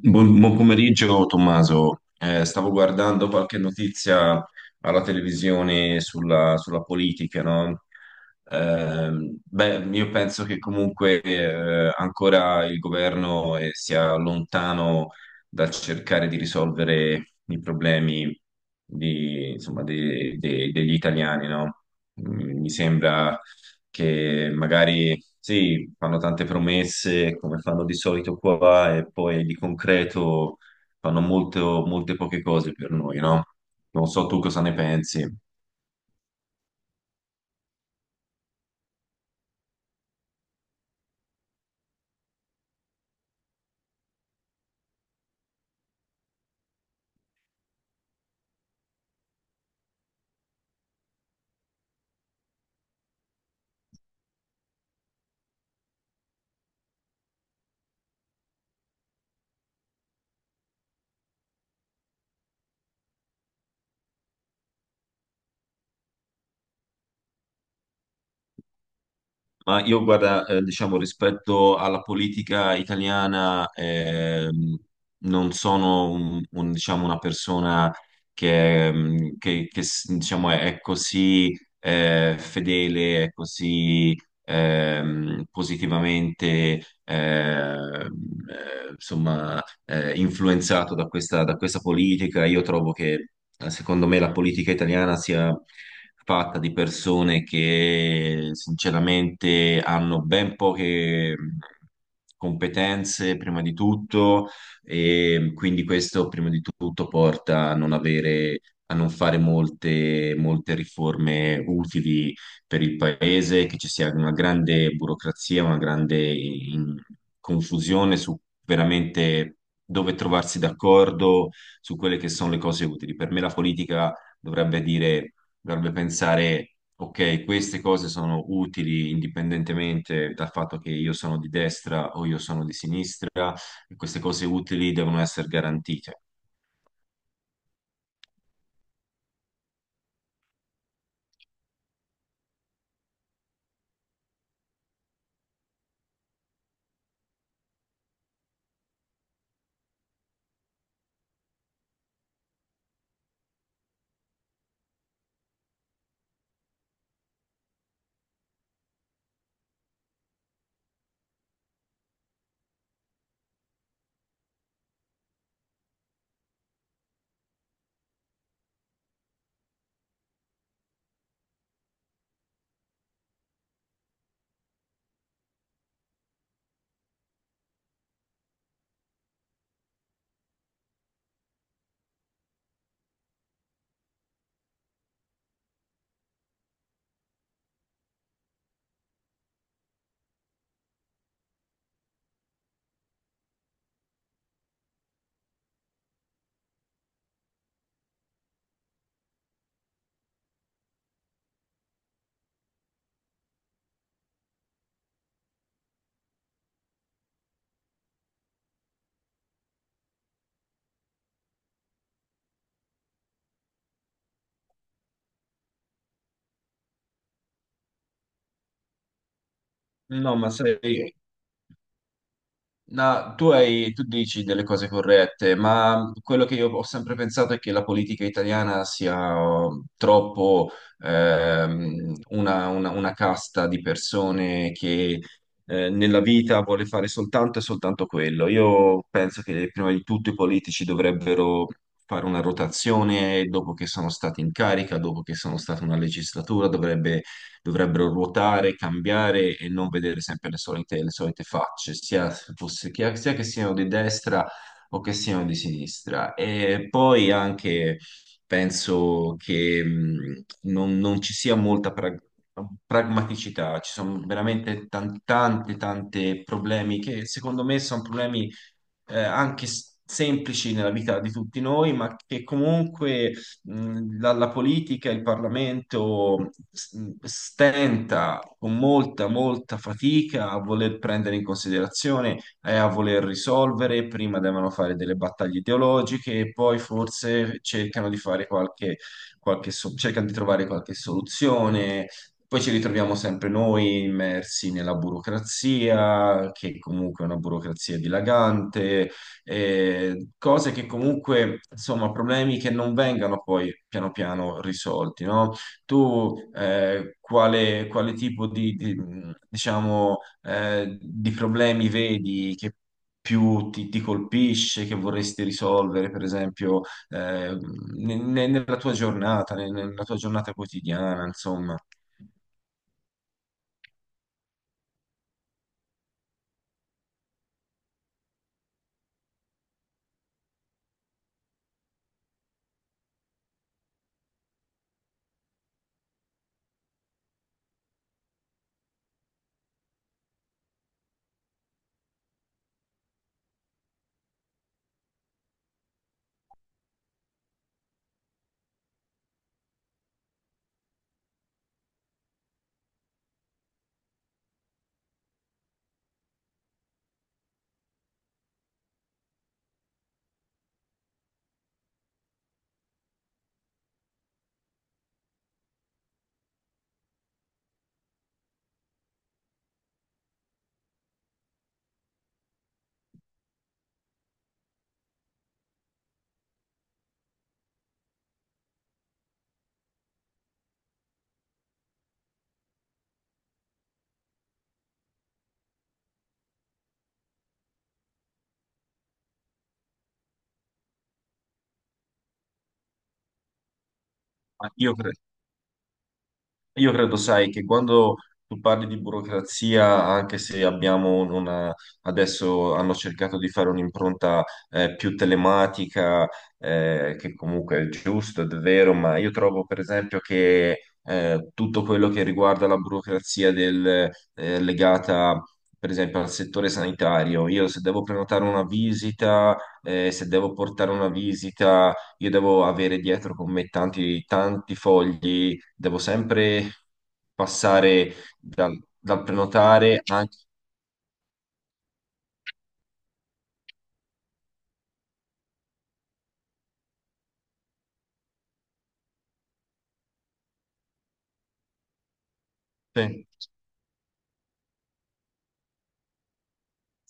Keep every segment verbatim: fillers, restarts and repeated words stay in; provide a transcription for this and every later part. Buon, buon pomeriggio Tommaso. Eh, stavo guardando qualche notizia alla televisione sulla, sulla politica, no? Ehm, beh, io penso che comunque eh, ancora il governo eh, sia lontano dal cercare di risolvere i problemi di- insomma, de- de- degli italiani, no? Mm, Mi sembra che magari sì, fanno tante promesse come fanno di solito qua e poi di concreto fanno molto, molte poche cose per noi, no? Non so tu cosa ne pensi. Ma io guarda, eh, diciamo, rispetto alla politica italiana, ehm, non sono un- un, diciamo, una persona che, ehm, che- che s- diciamo, è, è così eh, fedele, è così ehm, positivamente, ehm, eh, insomma, eh, influenzato da questa, da questa politica. Io trovo che, eh, secondo me, la politica italiana sia fatta di persone che sinceramente hanno ben poche mh, competenze, prima di tutto, e quindi questo, prima di tutto, porta a non avere, a non fare molte, molte riforme utili per il paese, che ci sia una grande burocrazia, una grande in- confusione su veramente dove trovarsi d'accordo su quelle che sono le cose utili. Per me la politica dovrebbe dire, dovrebbe pensare, ok, queste cose sono utili indipendentemente dal fatto che io sono di destra o io sono di sinistra, e queste cose utili devono essere garantite. No, ma sai, no, tu hai- tu dici delle cose corrette, ma quello che io ho sempre pensato è che la politica italiana sia uh, troppo ehm, una, una- una casta di persone che eh, nella vita vuole fare soltanto e soltanto quello. Io penso che prima di tutto i politici dovrebbero fare una rotazione dopo che sono stati in carica, dopo che sono stata una legislatura, dovrebbe dovrebbero ruotare, cambiare e non vedere sempre le solite, le solite facce, sia, fosse- che, sia che siano di destra o che siano di sinistra. E poi anche penso che mh, non, non ci sia molta pra- pragmaticità, ci sono veramente tan- tante, tante problemi che secondo me sono problemi eh, anche s- semplici nella vita di tutti noi, ma che comunque mh, la, la politica, il Parlamento s- stenta con molta, molta fatica a voler prendere in considerazione e a voler risolvere. Prima devono fare delle battaglie ideologiche e poi forse cercano di fare qualche, qualche so- cercano di trovare qualche soluzione. Poi ci ritroviamo sempre noi immersi nella burocrazia, che comunque è una burocrazia dilagante, eh, cose che comunque, insomma, problemi che non vengano poi piano piano risolti, no? Tu eh, quale, quale tipo di, di, diciamo, eh, di problemi vedi che più ti, ti colpisce, che vorresti risolvere, per esempio, eh, ne- ne- nella tua giornata, ne- nella tua giornata quotidiana, insomma. Ma Io cre- Io credo, sai, che quando tu parli di burocrazia, anche se abbiamo una, adesso hanno cercato di fare un'impronta eh, più telematica, eh, che comunque è giusto ed è vero, ma io trovo per esempio che eh, tutto quello che riguarda la burocrazia del, eh, legata per esempio al settore sanitario, io se devo prenotare una visita, eh, se devo portare una visita, io devo avere dietro con me tanti, tanti fogli devo sempre passare dal, dal prenotare anche... Sì.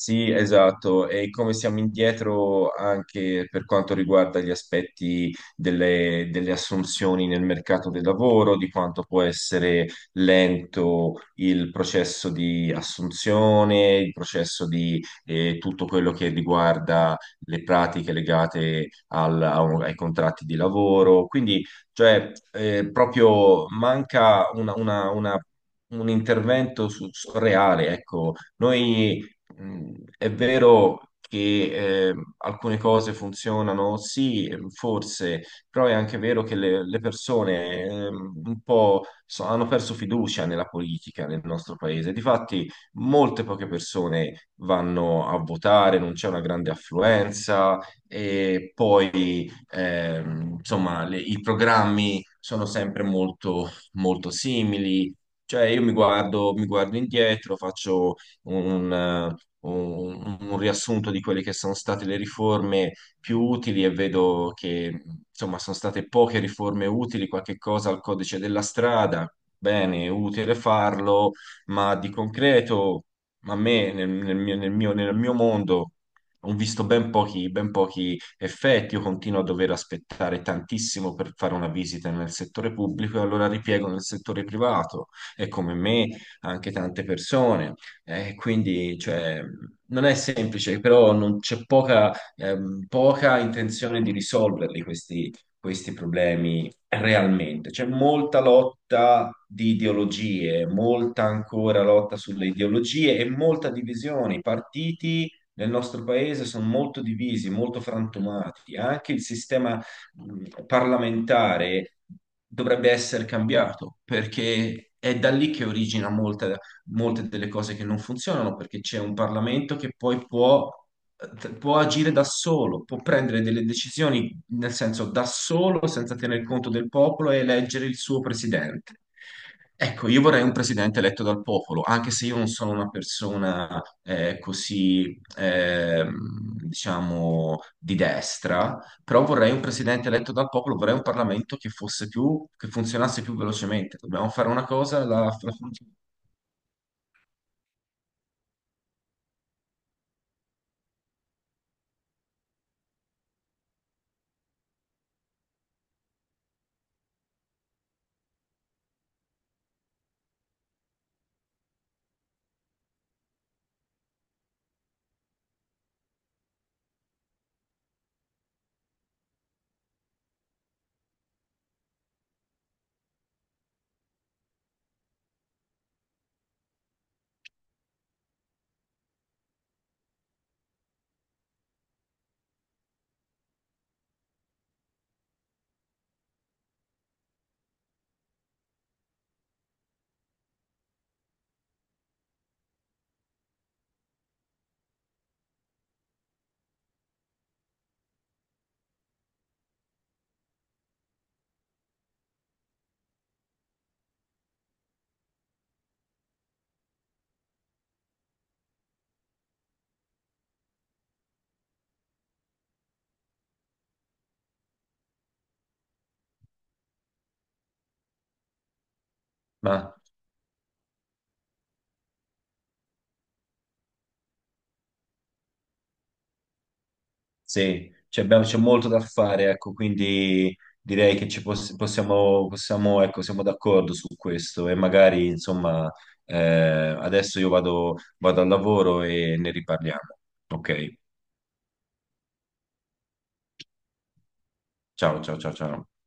Sì, esatto, e come siamo indietro anche per quanto riguarda gli aspetti delle, delle assunzioni nel mercato del lavoro, di quanto può essere lento il processo di assunzione, il processo di eh, tutto quello che riguarda le pratiche legate al- a un- ai contratti di lavoro. Quindi, cioè, eh, proprio manca una- una- una un intervento su- su- reale, ecco. Noi Mm, È vero che eh, alcune cose funzionano, sì, forse, però è anche vero che le, le persone ehm, un po' so- hanno perso fiducia nella politica nel nostro paese. Difatti, molte poche persone vanno a votare, non c'è una grande affluenza e poi, ehm, insomma, le- i programmi sono sempre molto, molto simili. Cioè, io mi guardo, mi guardo indietro, faccio un, eh, un- un riassunto di quelle che sono state le riforme più utili e vedo che insomma sono state poche riforme utili, qualche cosa al codice della strada, bene, è utile farlo, ma di concreto a me nel, nel mio, nel mio- nel mio mondo ho visto ben pochi, ben pochi effetti, io continuo a dover aspettare tantissimo per fare una visita nel settore pubblico e allora ripiego nel settore privato e come me anche tante persone. Eh, quindi, cioè, non è semplice, però non- c'è poca, ehm, poca intenzione di risolverli questi, questi problemi realmente. C'è molta lotta di ideologie, molta ancora lotta sulle ideologie e molta divisione. I partiti nel nostro paese sono molto divisi, molto frantumati. Anche il sistema mh, parlamentare dovrebbe essere cambiato perché è da lì che origina molta molte delle cose che non funzionano perché c'è un Parlamento che poi può, eh, può agire da solo, può prendere delle decisioni nel senso da solo senza tener conto del popolo e eleggere il suo presidente. Ecco, io vorrei un presidente eletto dal popolo, anche se io non sono una persona eh, così, ehm, diciamo, di destra, però vorrei un presidente eletto dal popolo, vorrei un Parlamento che fosse più, che funzionasse più velocemente. Dobbiamo fare una cosa, la, la, sì, cioè abbiamo- c'è molto da fare, ecco, quindi direi che ci poss- possiamo, possiamo, ecco, siamo d'accordo su questo e magari, insomma, eh, adesso io vado, vado al lavoro e ne riparliamo. Ok, ciao, ciao, ciao, ciao.